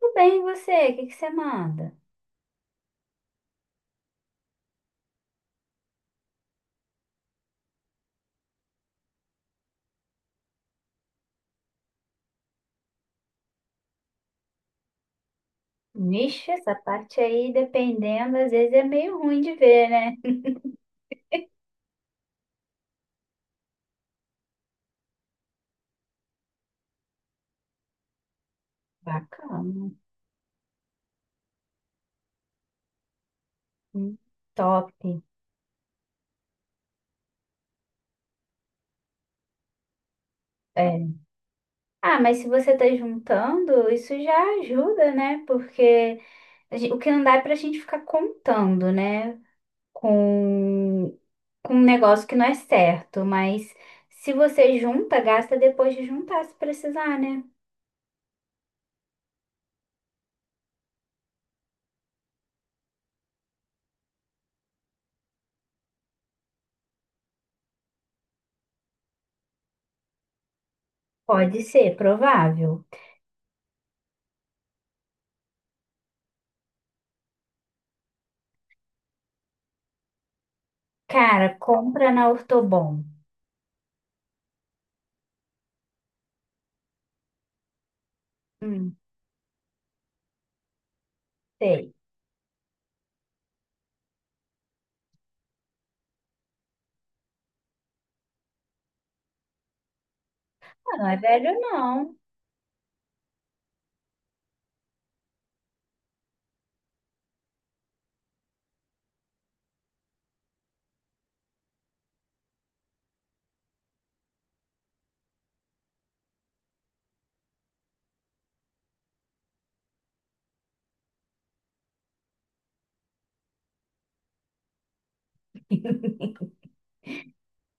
Tudo bem, e você? O que que você manda? Vixe, essa parte aí, dependendo, às vezes é meio ruim de ver, né? Bacana. Hum. Top. É. Ah, mas se você tá juntando, isso já ajuda, né? Porque o que não dá é pra gente ficar contando, né? Com, com um negócio que não é certo. Mas se você junta, gasta depois de juntar, se precisar, né? Pode ser, provável. Cara, compra na Ortobon. Hum, sei. Não é velho, não.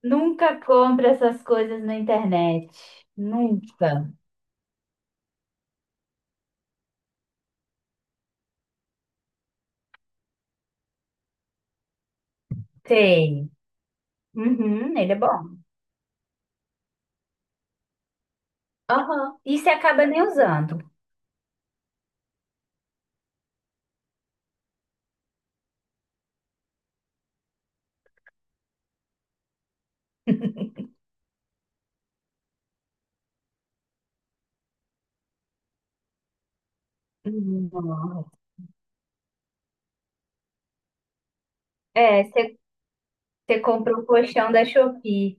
Nunca compra essas coisas na internet. Nunca. Tem. Uhum, ele é bom. Aham. E você acaba nem usando. Nossa. É, você compra o colchão da Shopee.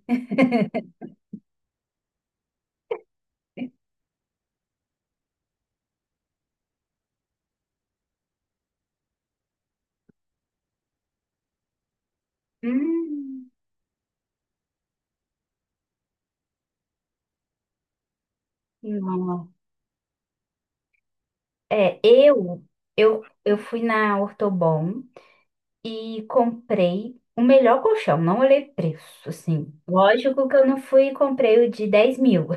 Hum, não. É, eu fui na Ortobon e comprei o melhor colchão, não olhei preço, assim. Lógico que eu não fui e comprei o de 10 mil.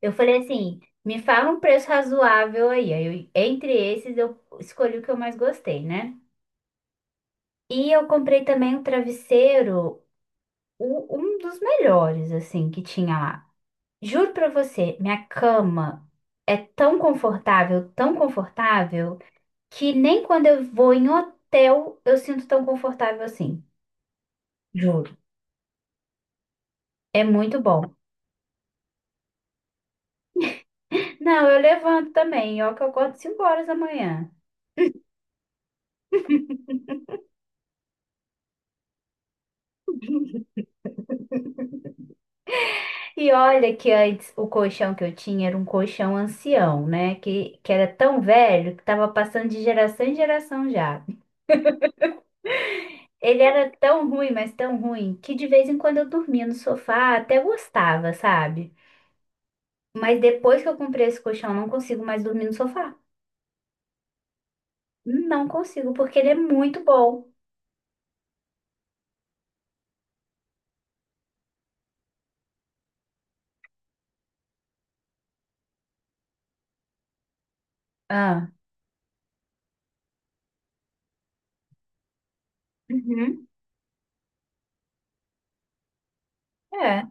Eu falei assim, me fala um preço razoável aí. Aí eu- entre esses, eu escolhi o que eu mais gostei, né? E eu comprei também um travesseiro, um dos melhores, assim, que tinha lá. Juro pra você, minha cama é tão confortável, que nem quando eu vou em hotel eu sinto tão confortável assim. Juro. É muito bom. Não, eu levanto também, ó, que eu acordo 5 horas da manhã. E olha que antes o colchão que eu tinha era um colchão ancião, né? Que era tão velho que tava passando de geração em geração já. Ele era tão ruim, mas tão ruim, que de vez em quando eu dormia no sofá, até gostava, sabe? Mas depois que eu comprei esse colchão, eu não consigo mais dormir no sofá. Não consigo, porque ele é muito bom. Ah, uhum, é.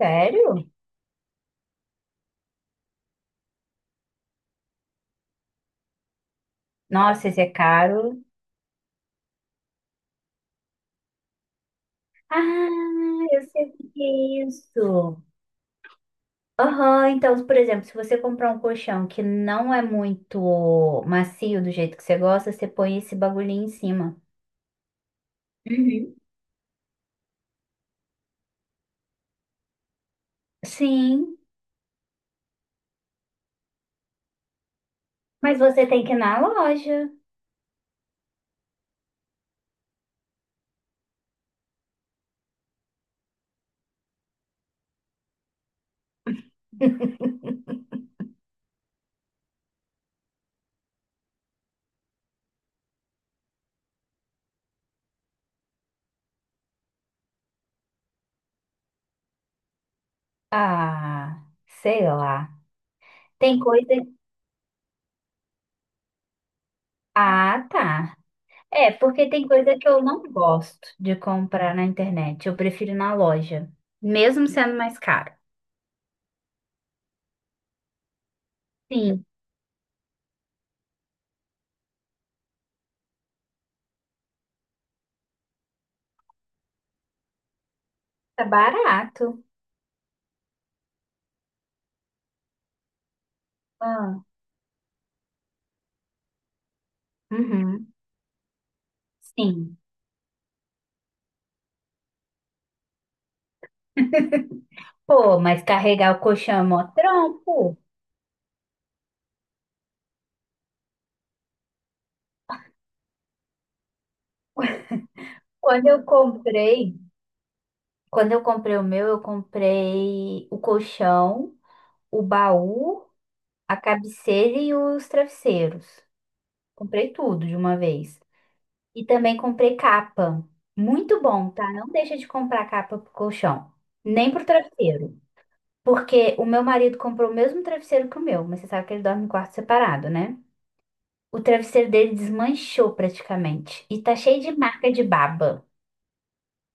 Sério? Nossa, esse é caro. Ah, eu sei o que que é isso. Aham, então, por exemplo, se você comprar um colchão que não é muito macio do jeito que você gosta, você põe esse bagulhinho em cima. Uhum. Sim, mas você tem que ir na loja. Ah, sei lá. Tem coisa. Ah, tá. É, porque tem coisa que eu não gosto de comprar na internet. Eu prefiro ir na loja, mesmo sendo mais caro. Sim, tá barato. Ah, uhum. Sim. Pô, mas carregar o colchão é mó trampo. Quando eu comprei, quando eu comprei o meu, eu comprei o colchão, o baú, a cabeceira e os travesseiros. Comprei tudo de uma vez. E também comprei capa. Muito bom, tá? Não deixa de comprar capa pro colchão, nem pro travesseiro. Porque o meu marido comprou o mesmo travesseiro que o meu, mas você sabe que ele dorme em quarto separado, né? O travesseiro dele desmanchou praticamente e tá cheio de marca de baba.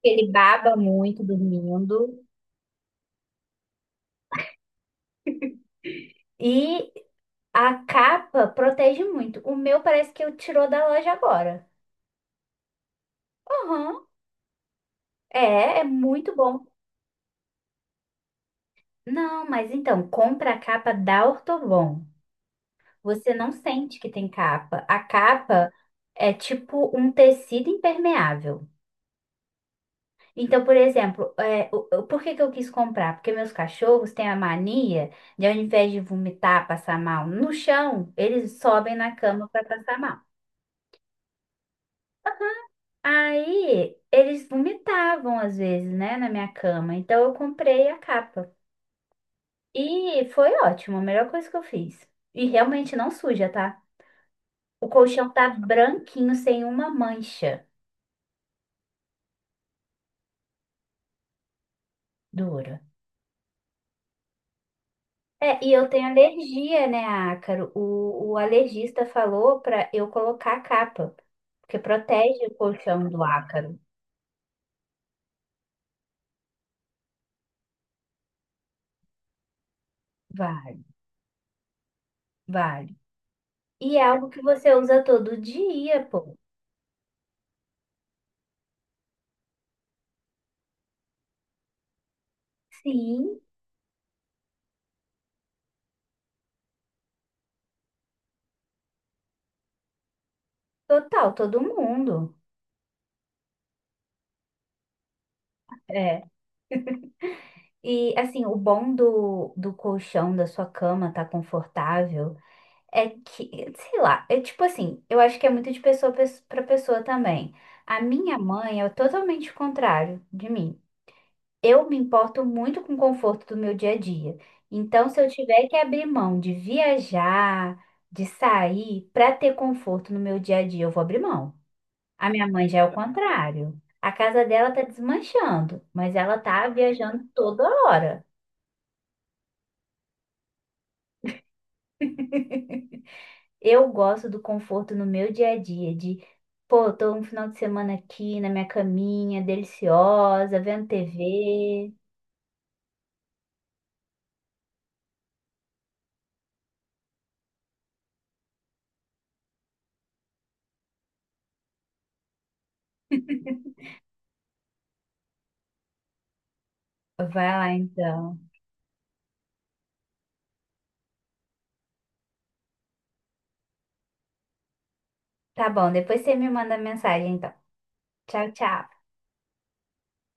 Ele baba muito dormindo. E A capa protege muito. O meu parece que eu tirou da loja agora. Aham. É, é muito bom. Não, mas então, compra a capa da Ortobon. Você não sente que tem capa. A capa é tipo um tecido impermeável. Então, por exemplo, é, por que que eu quis comprar? Porque meus cachorros têm a mania de, ao invés de vomitar, passar mal no chão, eles sobem na cama para passar mal. Aí eles vomitavam às vezes, né, na minha cama. Então eu comprei a capa. E foi ótimo, a melhor coisa que eu fiz. E realmente não suja, tá? O colchão tá branquinho, sem uma mancha dura. É, e eu tenho alergia, né, ácaro? O alergista falou pra eu colocar a capa, porque protege o colchão do ácaro. Vale, vale. E é algo que você usa todo dia, pô. Sim, total, todo mundo. É. E assim, o bom do, do colchão da sua cama tá confortável é que, sei lá, é tipo assim, eu acho que é muito de pra pessoa também. A minha mãe é totalmente o contrário de mim. Eu me importo muito com o conforto do meu dia a dia. Então, se eu tiver que abrir mão de viajar, de sair pra ter conforto no meu dia a dia, eu vou abrir mão. A minha mãe já é o contrário. A casa dela tá desmanchando, mas ela tá viajando toda hora. Eu gosto do conforto no meu dia a dia, de, pô, tô um final de semana aqui na minha caminha, deliciosa, vendo TV. Vai lá então. Tá bom, depois você me manda mensagem então. Tchau, tchau.